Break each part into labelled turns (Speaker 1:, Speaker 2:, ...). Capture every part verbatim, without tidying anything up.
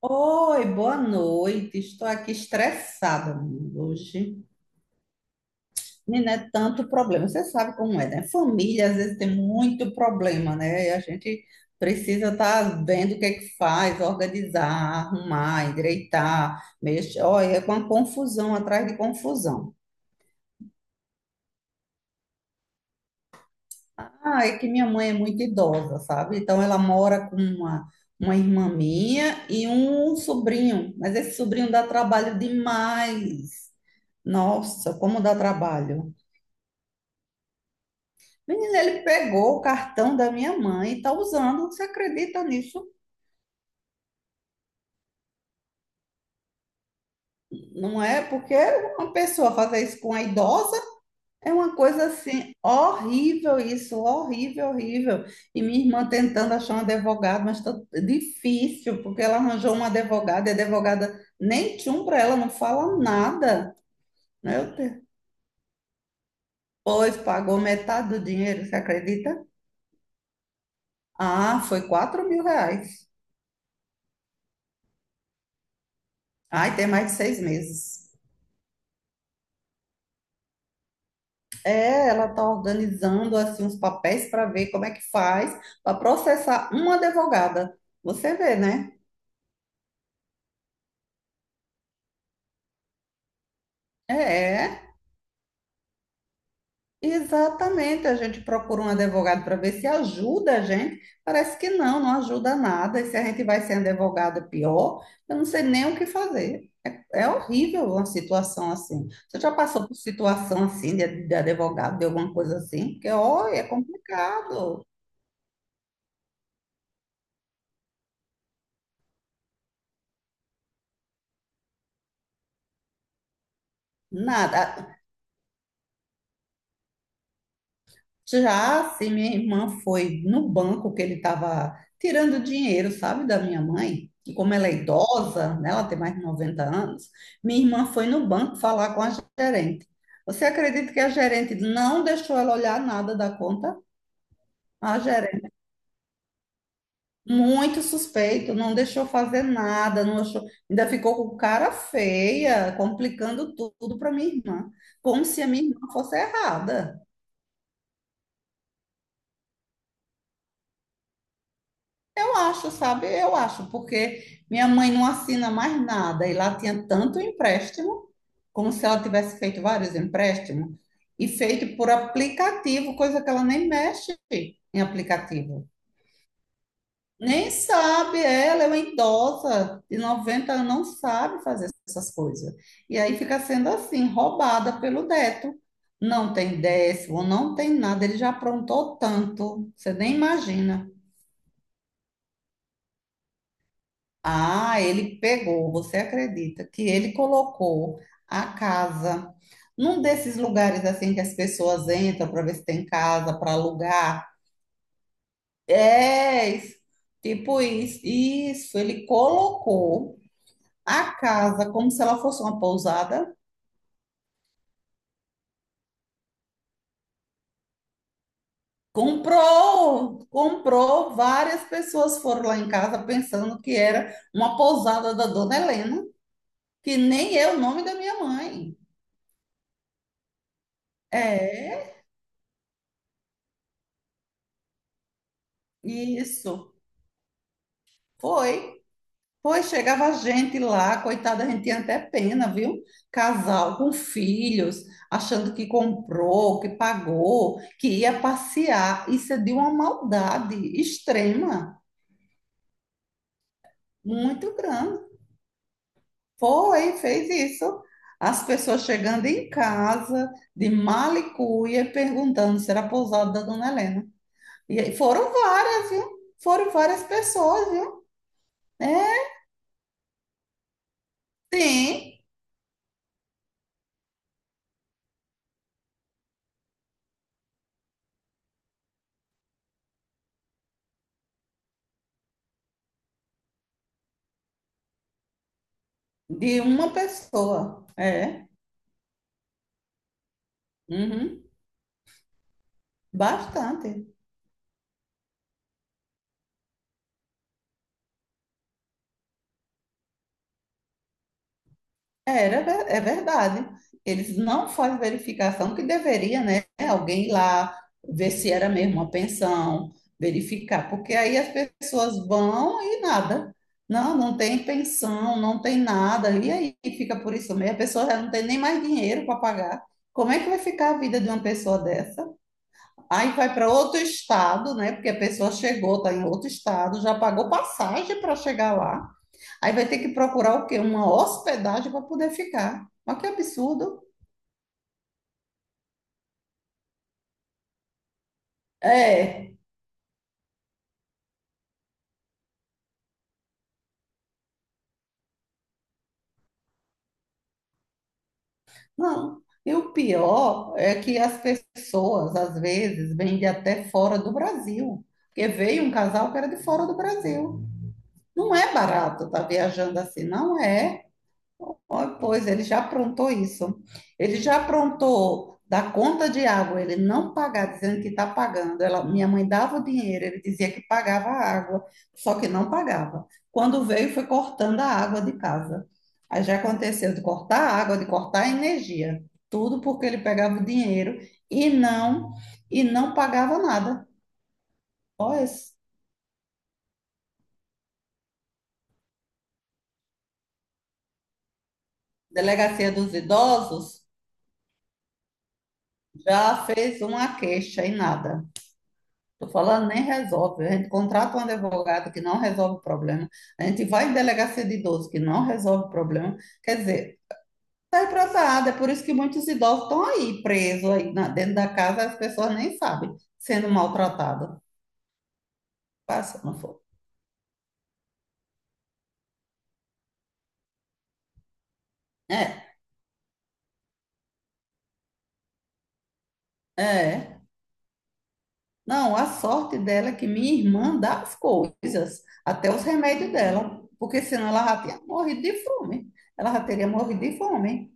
Speaker 1: Oi, boa noite. Estou aqui estressada menina, hoje. Menina, é tanto problema. Você sabe como é, né? Família às vezes tem muito problema, né? E a gente precisa estar vendo o que é que faz, organizar, arrumar, endireitar, mexer. Olha, é com uma confusão atrás de confusão. Ah, é que minha mãe é muito idosa, sabe? Então ela mora com uma, uma irmã minha e um sobrinho, mas esse sobrinho dá trabalho demais. Nossa, como dá trabalho. Menina, ele pegou o cartão da minha mãe e está usando. Você acredita nisso? Não é? Porque uma pessoa fazer isso com a idosa. É uma coisa assim, horrível isso, horrível, horrível. E minha irmã tentando achar um advogado, mas tá difícil, porque ela arranjou uma advogada, e a advogada nem tchum para ela, não fala nada. Meu Deus. Pois pagou metade do dinheiro, você acredita? Ah, foi quatro mil reais. Ai, tem mais de seis meses. É, ela tá organizando assim uns papéis para ver como é que faz para processar uma advogada. Você vê, né? É, é Exatamente, a gente procura um advogado para ver se ajuda a gente. Parece que não, não ajuda nada. E se a gente vai ser um advogado pior, eu não sei nem o que fazer. É, é horrível uma situação assim. Você já passou por situação assim de, de advogado, de alguma coisa assim? Porque, olha, é complicado. Nada. Já se minha irmã foi no banco que ele estava tirando dinheiro, sabe, da minha mãe, e como ela é idosa, né, ela tem mais de noventa anos, minha irmã foi no banco falar com a gerente. Você acredita que a gerente não deixou ela olhar nada da conta? A gerente, muito suspeito, não deixou fazer nada, não achou, ainda ficou com cara feia, complicando tudo para minha irmã, como se a minha irmã fosse errada. Eu acho, sabe? Eu acho, porque minha mãe não assina mais nada e lá tinha tanto empréstimo, como se ela tivesse feito vários empréstimos, e feito por aplicativo, coisa que ela nem mexe em aplicativo. Nem sabe, ela é uma idosa de noventa anos, não sabe fazer essas coisas. E aí fica sendo assim, roubada pelo neto. Não tem décimo, não tem nada, ele já aprontou tanto, você nem imagina. Ah, ele pegou, você acredita que ele colocou a casa num desses lugares assim que as pessoas entram para ver se tem casa para alugar? É, isso, tipo isso, isso, ele colocou a casa como se ela fosse uma pousada. Comprou, comprou, várias pessoas foram lá em casa pensando que era uma pousada da Dona Helena, que nem é o nome da minha mãe. É, isso. Foi. Pois chegava a gente lá, coitada, a gente tinha até pena, viu? Casal com filhos, achando que comprou, que pagou, que ia passear. Isso é de uma maldade extrema, muito grande. Foi, fez isso. As pessoas chegando em casa, de mala e cuia, perguntando se era a pousada da Dona Helena. E aí foram várias, viu? Foram várias pessoas, viu? É, tem, de uma pessoa. É. Uhum. Bastante. Era, ve- é verdade. Eles não fazem verificação que deveria, né? Alguém ir lá ver se era mesmo uma pensão, verificar, porque aí as pessoas vão e nada. Não, não tem pensão, não tem nada. E aí fica por isso mesmo. A pessoa já não tem nem mais dinheiro para pagar. Como é que vai ficar a vida de uma pessoa dessa? Aí vai para outro estado, né? Porque a pessoa chegou, está em outro estado, já pagou passagem para chegar lá. Aí vai ter que procurar o quê? Uma hospedagem para poder ficar. Mas que absurdo. É, não. E o pior é que as pessoas, às vezes, vêm de até fora do Brasil. Porque veio um casal que era de fora do Brasil. Não é barato estar viajando assim, não é. Oh, pois ele já aprontou isso. Ele já aprontou da conta de água, ele não pagar, dizendo que está pagando. Ela, minha mãe dava o dinheiro, ele dizia que pagava a água, só que não pagava. Quando veio, foi cortando a água de casa. Aí já aconteceu de cortar a água, de cortar a energia, tudo porque ele pegava o dinheiro e não e não pagava nada. Ó, Delegacia dos Idosos já fez uma queixa e nada. Estou falando, nem resolve. A gente contrata um advogado que não resolve o problema. A gente vai em delegacia de idosos que não resolve o problema. Quer dizer, sai para essa área. É por isso que muitos idosos estão aí presos aí na- dentro da casa. As pessoas nem sabem sendo maltratadas. Passa, não foi? É, é. Não, a sorte dela é que minha irmã dá as coisas, até os remédios dela, porque senão ela já tinha morrido de fome. Ela já teria morrido de fome.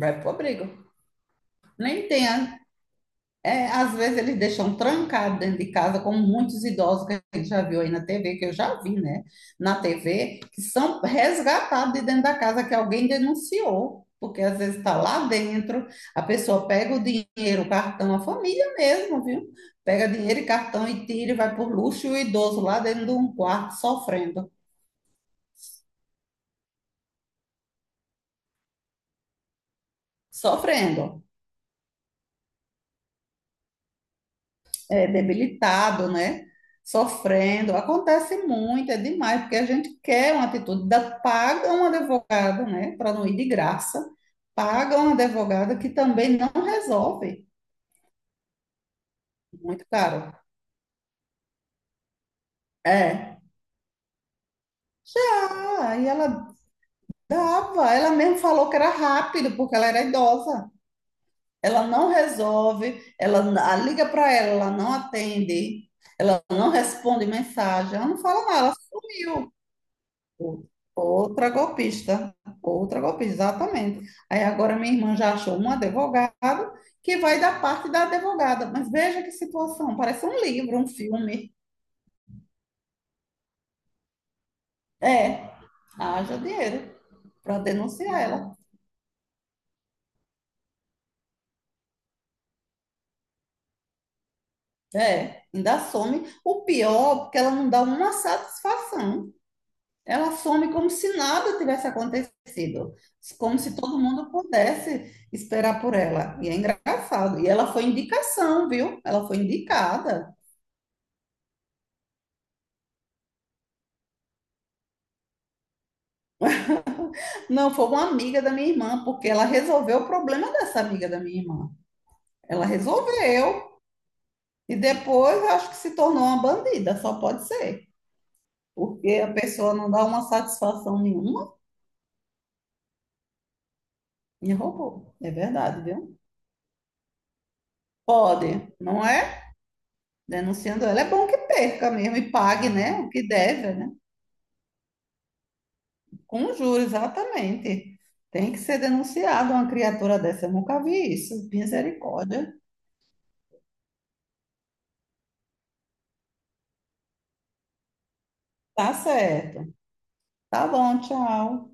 Speaker 1: Vai pro abrigo. Nem tem. É, às vezes eles deixam trancado dentro de casa, como muitos idosos que a gente já viu aí na T V, que eu já vi, né? Na T V, que são resgatados de dentro da casa que alguém denunciou, porque às vezes está lá dentro, a pessoa pega o dinheiro, o cartão, a família mesmo, viu? Pega dinheiro e cartão e tira e vai por luxo e o idoso lá dentro de um quarto sofrendo, sofrendo. É, debilitado, né? Sofrendo. Acontece muito, é demais, porque a gente quer uma atitude da paga um advogado, né? Para não ir de graça, paga um advogado que também não resolve. Muito caro. É. Ah, e ela tava, ela mesmo falou que era rápido, porque ela era idosa. Ela não resolve, ela a liga para ela, ela não atende, ela não responde mensagem, ela não fala nada, ela sumiu. O- Outra golpista, outra golpista, exatamente. Aí agora minha irmã já achou um advogado que vai da parte da advogada. Mas veja que situação, parece um livro, um filme. É, haja dinheiro para denunciar ela. É, ainda some. O pior, porque ela não dá uma satisfação. Ela some como se nada tivesse acontecido, como se todo mundo pudesse esperar por ela. E é engraçado. E ela foi indicação, viu? Ela foi indicada. Não, foi uma amiga da minha irmã, porque ela resolveu o problema dessa amiga da minha irmã. Ela resolveu e depois eu acho que se tornou uma bandida, só pode ser. Porque a pessoa não dá uma satisfação nenhuma e roubou. É verdade, viu? Pode, não é? Denunciando ela, é bom que perca mesmo e pague, né? O que deve, né? Com juros, exatamente. Tem que ser denunciado uma criatura dessa. Eu nunca vi isso. Misericórdia. Tá certo. Tá bom, tchau.